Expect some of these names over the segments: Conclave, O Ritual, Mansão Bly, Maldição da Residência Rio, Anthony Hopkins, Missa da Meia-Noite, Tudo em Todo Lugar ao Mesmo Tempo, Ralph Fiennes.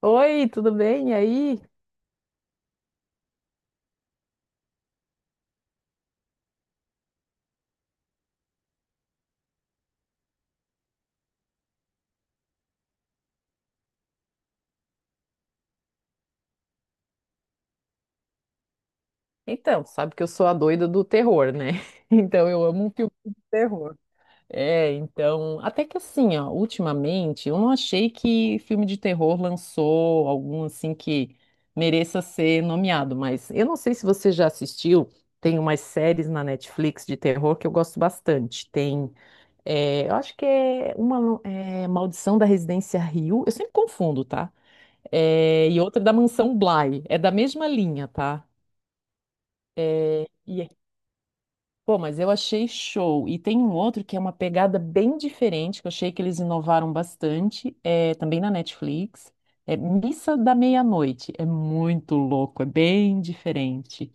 Oi, tudo bem? E aí? Então, sabe que eu sou a doida do terror, né? Então eu amo um filme de terror. Até que assim, ó, ultimamente eu não achei que filme de terror lançou algum assim que mereça ser nomeado, mas eu não sei se você já assistiu, tem umas séries na Netflix de terror que eu gosto bastante. Eu acho que é uma Maldição da Residência Rio. Eu sempre confundo, tá? É, e outra da Mansão Bly. É da mesma linha, tá? É, e é- Pô, mas eu achei show. E tem um outro que é uma pegada bem diferente, que eu achei que eles inovaram bastante, também na Netflix. É Missa da Meia-Noite. É muito louco, é bem diferente.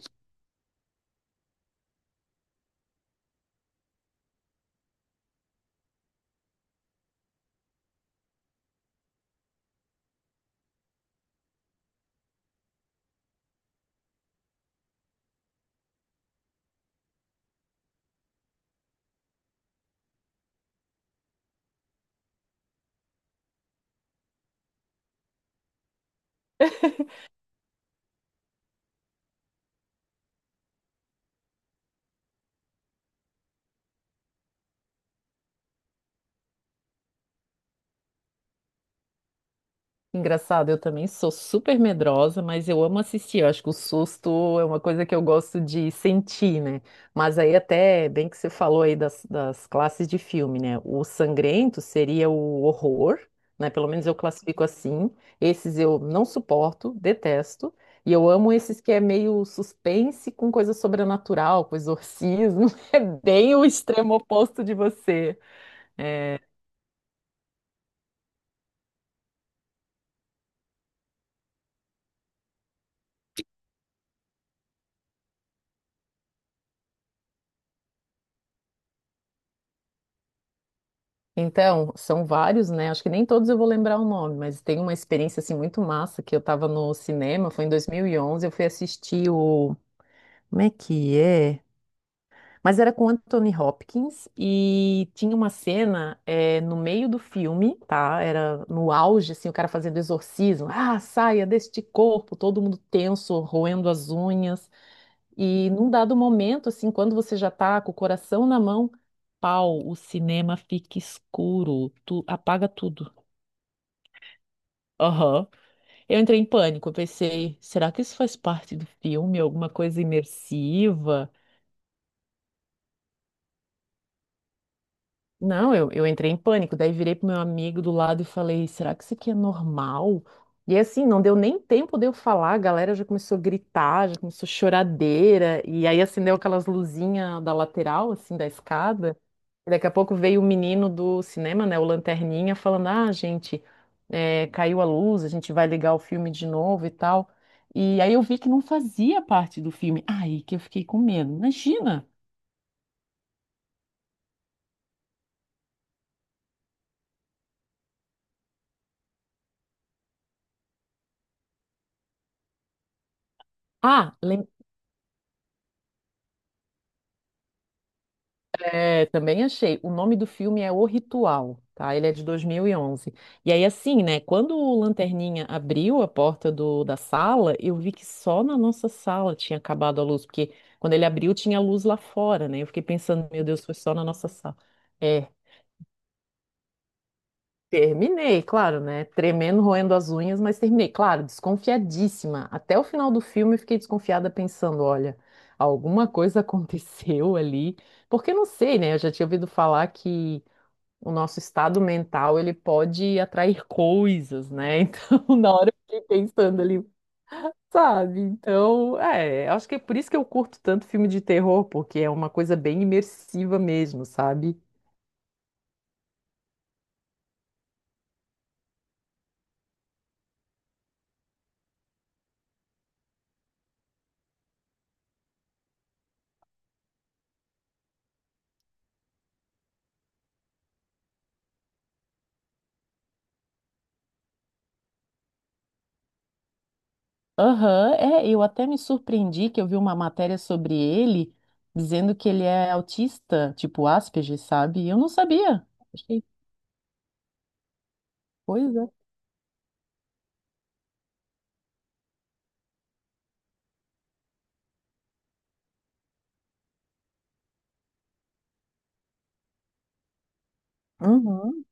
Engraçado, eu também sou super medrosa, mas eu amo assistir. Eu acho que o susto é uma coisa que eu gosto de sentir, né? Mas aí até bem que você falou aí das classes de filme, né? O sangrento seria o horror, né? Pelo menos eu classifico assim. Esses eu não suporto, detesto. E eu amo esses que é meio suspense com coisa sobrenatural, com exorcismo. É bem o extremo oposto de você. Então, são vários, né? Acho que nem todos eu vou lembrar o nome, mas tem uma experiência assim muito massa que eu tava no cinema, foi em 2011 eu fui assistir o... Como é que é? Mas era com Anthony Hopkins e tinha uma cena no meio do filme, tá? Era no auge, assim, o cara fazendo exorcismo. Ah, saia deste corpo, todo mundo tenso, roendo as unhas. E num dado momento, assim, quando você já tá com o coração na mão, pau, o cinema fica escuro, tu apaga tudo. Aham. Eu entrei em pânico, eu pensei, será que isso faz parte do filme, alguma coisa imersiva? Não, eu entrei em pânico, daí virei pro meu amigo do lado e falei, será que isso aqui é normal? E assim, não deu nem tempo de eu falar, a galera já começou a gritar, já começou choradeira, e aí acendeu aquelas luzinhas da lateral, assim, da escada. E daqui a pouco veio o menino do cinema, né, o Lanterninha, falando: Ah, gente, caiu a luz, a gente vai ligar o filme de novo e tal. E aí eu vi que não fazia parte do filme. Aí que eu fiquei com medo. Imagina! Ah, É, também achei. O nome do filme é O Ritual, tá? Ele é de 2011. E onze. E aí, assim, né? Quando o Lanterninha abriu a porta da sala, eu vi que só na nossa sala tinha acabado a luz, porque quando ele abriu tinha luz lá fora, né? Eu fiquei pensando, meu Deus, foi só na nossa sala. É, terminei, claro, né? Tremendo, roendo as unhas, mas terminei. Claro, desconfiadíssima. Até o final do filme eu fiquei desconfiada, pensando, olha, alguma coisa aconteceu ali. Porque eu não sei, né? Eu já tinha ouvido falar que o nosso estado mental, ele pode atrair coisas, né? Então, na hora eu fiquei pensando ali, sabe? Então, acho que é por isso que eu curto tanto filme de terror, porque é uma coisa bem imersiva mesmo, sabe? Aham, eu até me surpreendi que eu vi uma matéria sobre ele dizendo que ele é autista, tipo Asperger, sabe? E eu não sabia. Achei coisa. Uhum.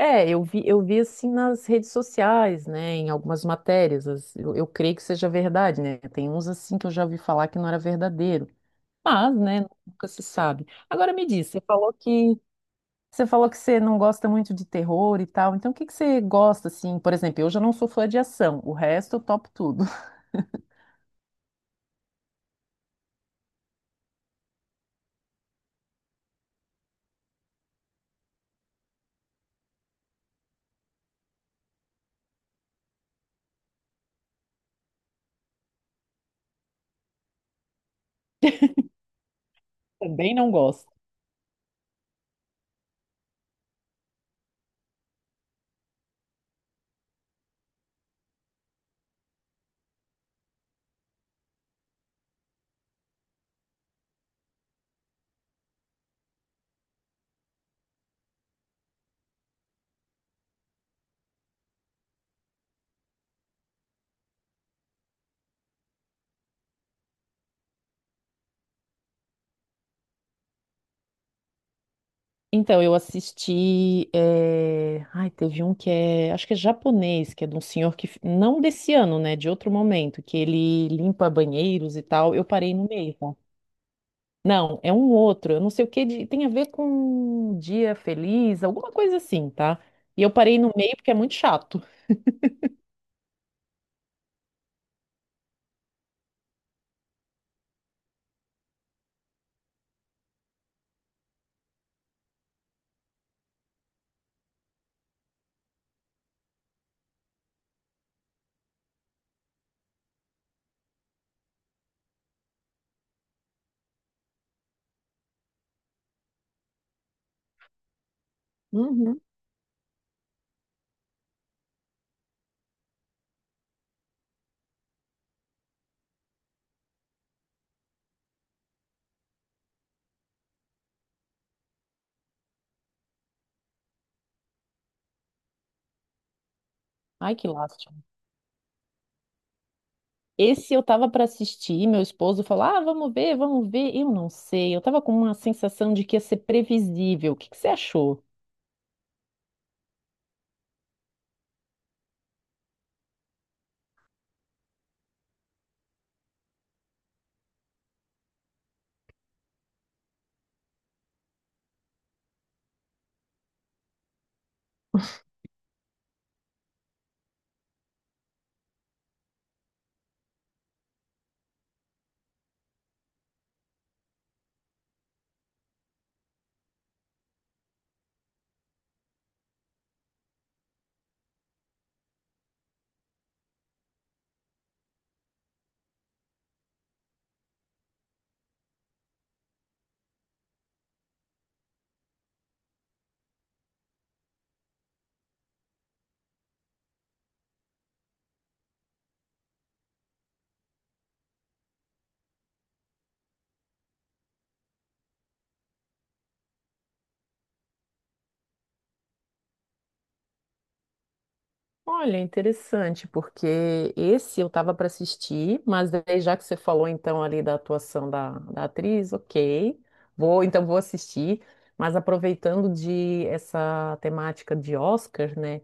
Eu vi assim nas redes sociais, né, em algumas matérias, eu creio que seja verdade, né? Tem uns assim que eu já ouvi falar que não era verdadeiro, mas, né, nunca se sabe. Agora me diz, você falou que você não gosta muito de terror e tal, então o que que você gosta assim? Por exemplo, eu já não sou fã de ação, o resto eu topo tudo. Também não gosto. Então, eu assisti. Ai, teve um que é... Acho que é japonês, que é de um senhor que... Não desse ano, né? De outro momento, que ele limpa banheiros e tal. Eu parei no meio, tá? Não, é um outro. Eu não sei o que... Tem a ver com um dia feliz, alguma coisa assim, tá? E eu parei no meio porque é muito chato. Uhum. Ai, que lástima. Esse eu tava para assistir, meu esposo falou: Ah, vamos ver, vamos ver. Eu não sei. Eu tava com uma sensação de que ia ser previsível. O que que você achou? Olha, interessante, porque esse eu tava para assistir, mas daí já que você falou então ali da atuação da atriz, ok, vou assistir, mas aproveitando de essa temática de Oscar, né?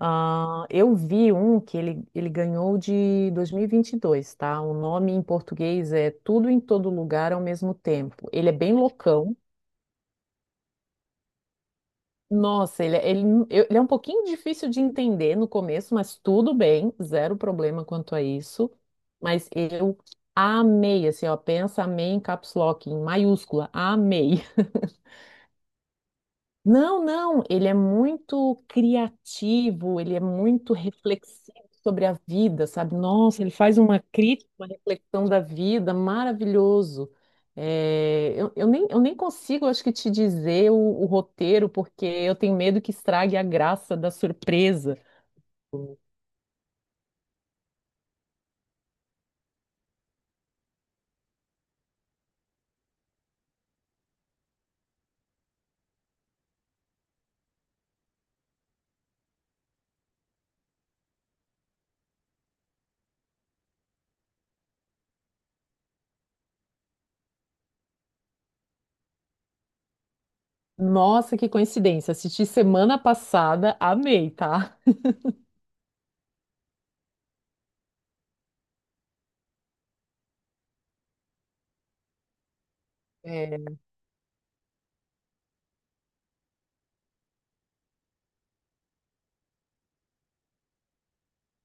Ah, eu vi um que ele ganhou de 2022, tá? O nome em português é Tudo em Todo Lugar ao Mesmo Tempo. Ele é bem loucão. Nossa, ele, é- ele, eu- Ele é um pouquinho difícil de entender no começo, mas tudo bem, zero problema quanto a isso. Mas eu amei, assim, ó, pensa amei em caps lock, em maiúscula, amei. Não, não, ele é muito criativo, ele é muito reflexivo sobre a vida, sabe? Nossa, ele faz uma crítica, uma reflexão da vida, maravilhoso. Eu nem consigo, acho que, te dizer o roteiro, porque eu tenho medo que estrague a graça da surpresa. Nossa, que coincidência! Assisti semana passada, amei, tá?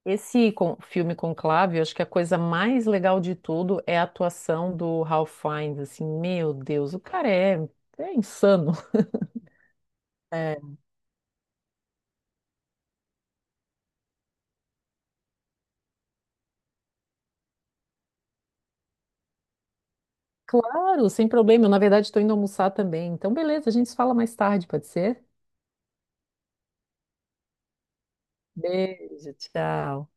Filme Conclave, eu acho que a coisa mais legal de tudo é a atuação do Ralph Fiennes, assim, meu Deus, é insano. É, claro, sem problema, eu na verdade estou indo almoçar também, então beleza, a gente se fala mais tarde, pode ser? Beijo, tchau.